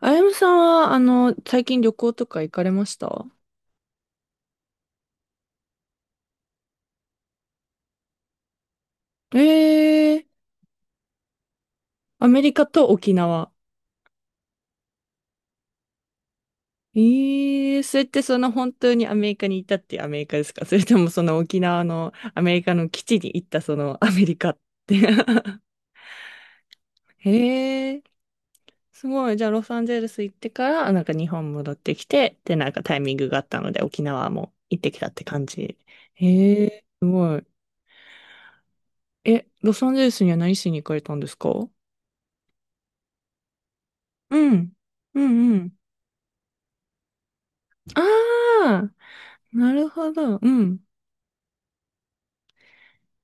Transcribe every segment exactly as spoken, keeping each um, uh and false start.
あやむさんは、あの、最近旅行とか行かれました？ええー、アメリカと沖縄。ええー、それってその本当にアメリカにいたっていうアメリカですか？ それともその沖縄のアメリカの基地に行ったそのアメリカって？ へえ、すごい。じゃあロサンゼルス行ってから、なんか日本戻ってきて、で、なんかタイミングがあったので沖縄も行ってきたって感じ。ええすごい。え、ロサンゼルスには何しに行かれたんですか？うん。うんうん。ああ、なるほど。うん。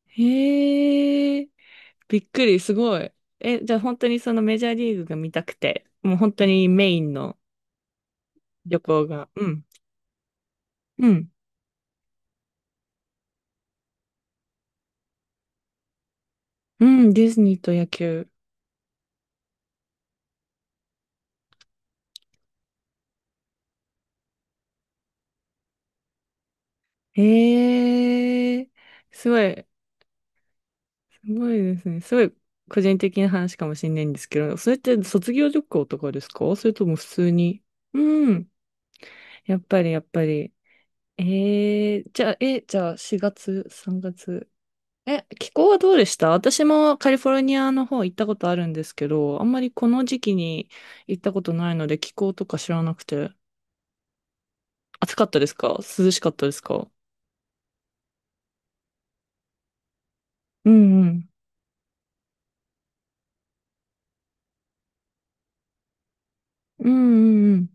へえ、びっくり、すごい。え、じゃあ本当にそのメジャーリーグが見たくて、もう本当にメインの旅行が。うん。うん。うん、ディズニーと野球。へえ、すごい、すごいですね。すごい個人的な話かもしれないんですけど、それって卒業旅行とかですか、それとも普通に。うん。やっぱり、やっぱり。えー、じゃあ、え、じゃあ、しがつ、さんがつ、え、気候はどうでした？私もカリフォルニアの方行ったことあるんですけど、あんまりこの時期に行ったことないので気候とか知らなくて。暑かったですか、涼しかったですか？うんうん。うんうんうん。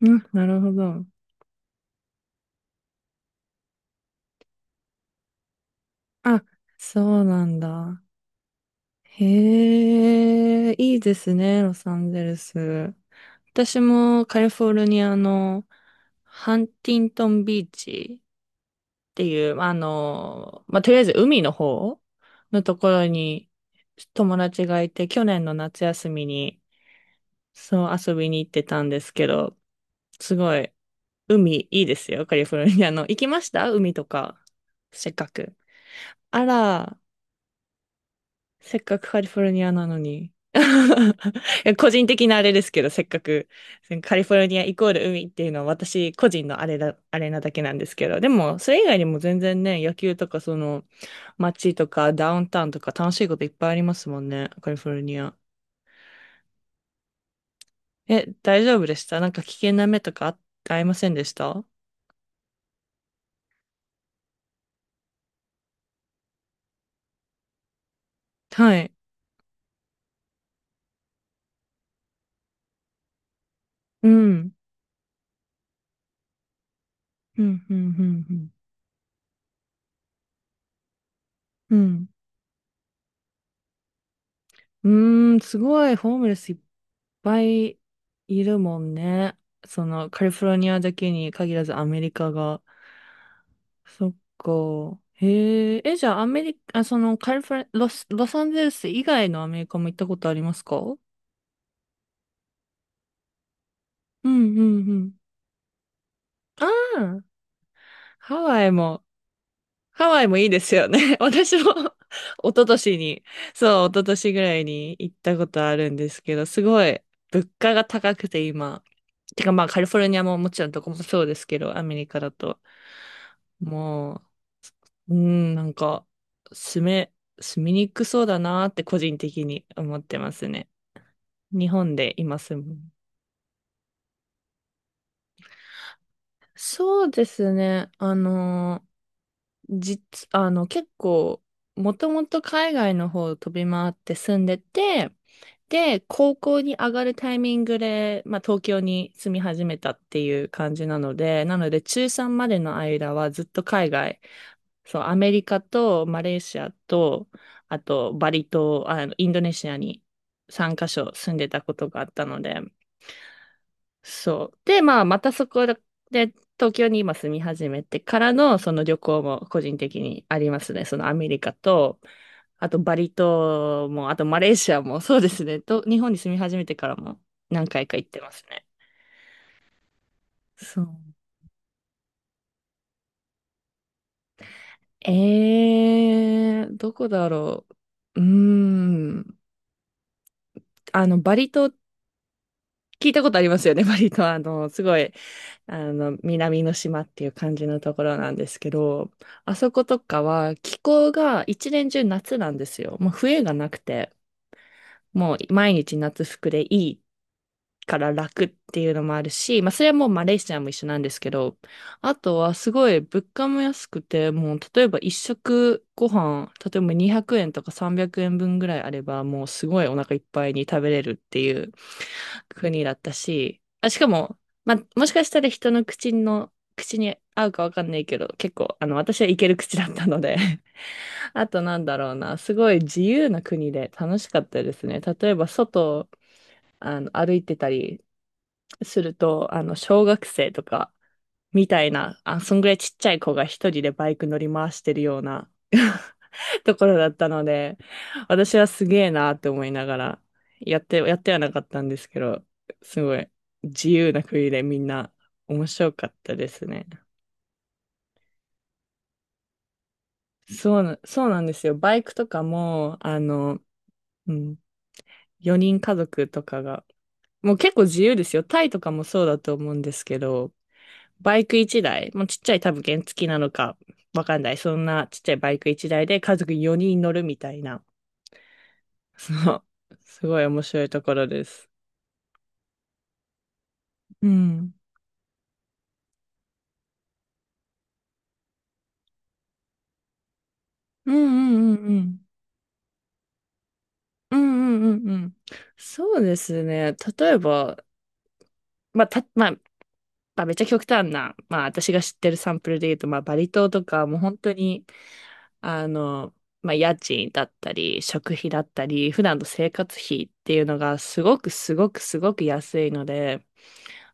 うん、なるほど。あ、そうなんだ。へえ、いいですね、ロサンゼルス。私もカリフォルニアのハンティントンビーチっていう、まあの、まあ、とりあえず海の方のところに友達がいて、去年の夏休みに、そう遊びに行ってたんですけど、すごい、海いいですよ、カリフォルニアの。行きました海とか？せっかく。あら、せっかくカリフォルニアなのに。いや、個人的なあれですけど、せっかくカリフォルニアイコール海っていうのは私個人のあれだ、あれなだけなんですけど、でもそれ以外にも全然ね、野球とかその街とかダウンタウンとか楽しいこといっぱいありますもんね、カリフォルニア。え、大丈夫でした？なんか危険な目とかあ、ありませんでした？はい。うん。うん、うん、うん、うん。うん。うーん、すごい、ホームレスいっぱいいるもんね。その、カリフォルニアだけに限らずアメリカが。そっか。へえ、え、じゃあアメリカ、あ、その、カリフォル、ロス、ロサンゼルス以外のアメリカも行ったことありますか？うん、うん、うん。ああ、ハワイも。ハワイもいいですよね。私も 一昨年に、そう、一昨年ぐらいに行ったことあるんですけど、すごい物価が高くて今。てか、まあカリフォルニアももちろんどこもそうですけど、アメリカだと。もう、うん、なんか、住め、住みにくそうだなって個人的に思ってますね。日本で今住む。そうですね。あのー実、あの、結構、もともと海外の方を飛び回って住んでて、で、高校に上がるタイミングで、まあ、東京に住み始めたっていう感じなので、なので、中ちゅうさんまでの間はずっと海外、そう、アメリカとマレーシアと、あと、バリ島、あの、インドネシアにさんカ所住んでたことがあったので、そう。で、まあ、またそこで、東京に今住み始めてからの、その旅行も個人的にありますね。そのアメリカと、あとバリ島も、あとマレーシアも、そうですね。と、日本に住み始めてからも何回か行ってますね。そう。えー、どこだろう。うーん。あの、バリ島、聞いたことありますよね。バリ島。あの、すごい、あの、南の島っていう感じのところなんですけど、あそことかは気候が一年中夏なんですよ。もう冬がなくて、もう毎日夏服でいいから楽っていうのもあるし、まあ、それはもうマレーシアも一緒なんですけど、あとはすごい物価も安くて、もう例えば一食ご飯、例えばにひゃくえんとかさんびゃくえんぶんぐらいあれば、もうすごいお腹いっぱいに食べれるっていう国だったし、あ、しかも、まあ、もしかしたら人の口の、口に合うかわかんないけど、結構、あの、私はいける口だったので、 あとなんだろうな、すごい自由な国で楽しかったですね。例えば外、あの、歩いてたりすると、あの、小学生とか、みたいな、あ、そんぐらいちっちゃい子が一人でバイク乗り回してるような ところだったので、私はすげえなって思いながら、やって、やってはなかったんですけど、すごい自由な国でみんな面白かったですね。そうな、そうなんですよ。バイクとかも、あの、うん、よにん家族とかが、もう結構自由ですよ。タイとかもそうだと思うんですけど、バイク一台、もうちっちゃい多分原付なのかわかんない。そんなちっちゃいバイク一台で家族よにん乗るみたいな。そう。すごい面白いところです。うん。うんうんうんうん。うんうんうんうん。そうですね。例えば、まあ、た、まあ、まあ、めっちゃ極端な、まあ、私が知ってるサンプルで言うと、まあ、バリ島とか、もう本当に、あの、まあ、家賃だったり、食費だったり、普段の生活費っていうのがすごくすごくすごく安いので、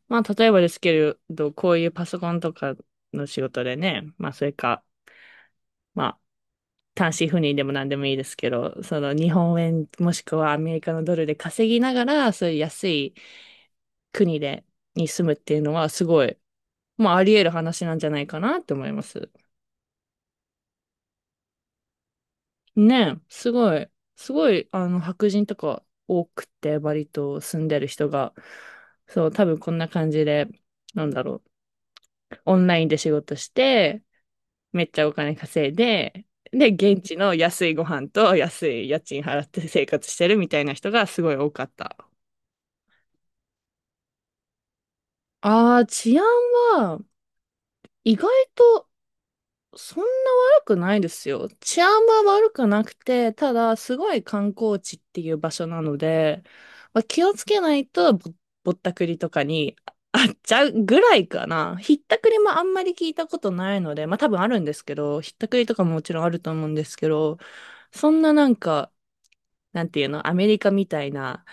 まあ、例えばですけど、こういうパソコンとかの仕事でね、まあ、それか、まあ、単身赴任でも何でもいいですけど、その日本円もしくはアメリカのドルで稼ぎながら、そういう安い国で、に住むっていうのはすごい、まあ、あり得る話なんじゃないかなって思います。ねえ、すごい、すごい、あの、白人とか多くて、バリ島住んでる人が、そう、多分こんな感じで、なんだろう、オンラインで仕事して、めっちゃお金稼いで、で、現地の安いご飯と安い家賃払って生活してるみたいな人がすごい多かった。ああ、治安は、意外とそんな悪くないですよ。治安は悪くなくて、ただ、すごい観光地っていう場所なので、まあ、気をつけないとぼ、ぼったくりとかにああっちゃうぐらいかな。ひったくりもあんまり聞いたことないので、まあ多分あるんですけど、ひったくりとかももちろんあると思うんですけど、そんななんか、なんていうの、アメリカみたいな、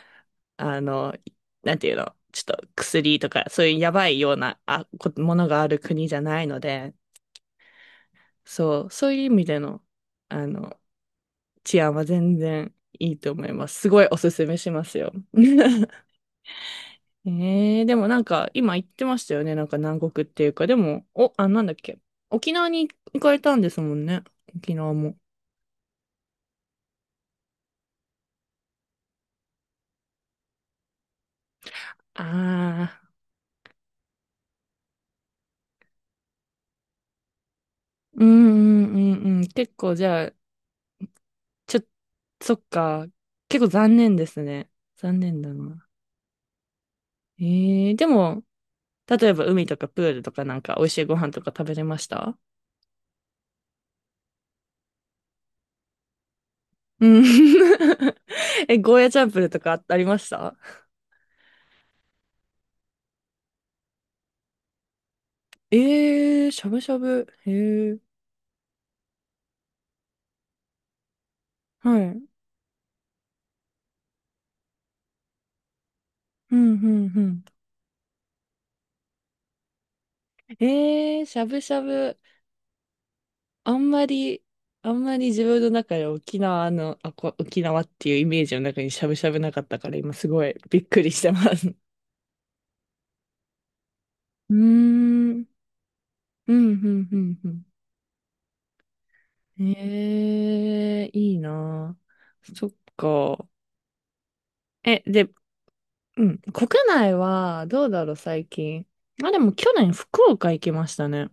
あの、なんていうの、ちょっと薬とか、そういうやばいようなあこものがある国じゃないので、そう、そういう意味での、あの、治安は全然いいと思います。すごいおすすめしますよ。えー、でもなんか、今言ってましたよね。なんか南国っていうか、でも、お、あ、なんだっけ。沖縄に行かれたんですもんね。沖縄も。ああ、うんうんうんうん。結構じゃあ、ちょ、そっか。結構残念ですね。残念だな。えー、でも、例えば海とかプールとかなんか美味しいご飯とか食べれました？うん。 え、ゴーヤチャンプルとかあありました？えー、しゃぶしゃぶ。へえ。はい。うん、うん、うん。えー、しゃぶしゃぶ。あんまり、あんまり自分の中で沖縄の、あ、こ、沖縄っていうイメージの中にしゃぶしゃぶなかったから、今すごいびっくりしてます。うーん。うん、うん、うん、うん。えー、いいなあ、そっか。え、で、うん。国内は、どうだろう、最近。あ、でも去年、福岡行きましたね。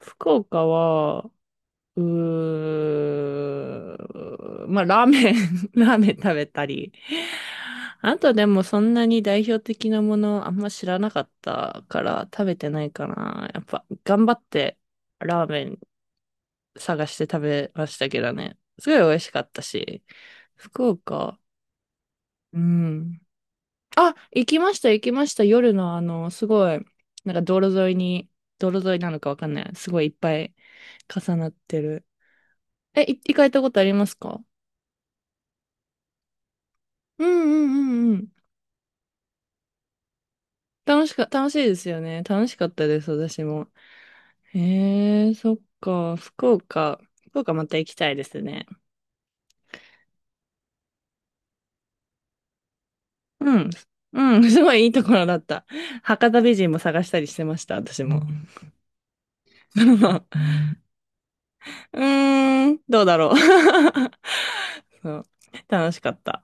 福岡は、うー、まあ、ラーメン ラーメン食べたり。あとでもそんなに代表的なものあんま知らなかったから食べてないかな。やっぱ頑張ってラーメン探して食べましたけどね。すごい美味しかったし。福岡、うん。あ、行きました、行きました。夜のあの、すごい、なんか道路沿いに、道路沿いなのかわかんない。すごいいっぱい重なってる。え、い行かれたことありますか？うんうんうんうん。楽しか、楽しいですよね。楽しかったです、私も。へえ、そっか。福岡。福岡また行きたいですね。うん。うん、すごいいいところだった。博多美人も探したりしてました、私も。うん。 うーん、どうだろう。そう、楽しかった。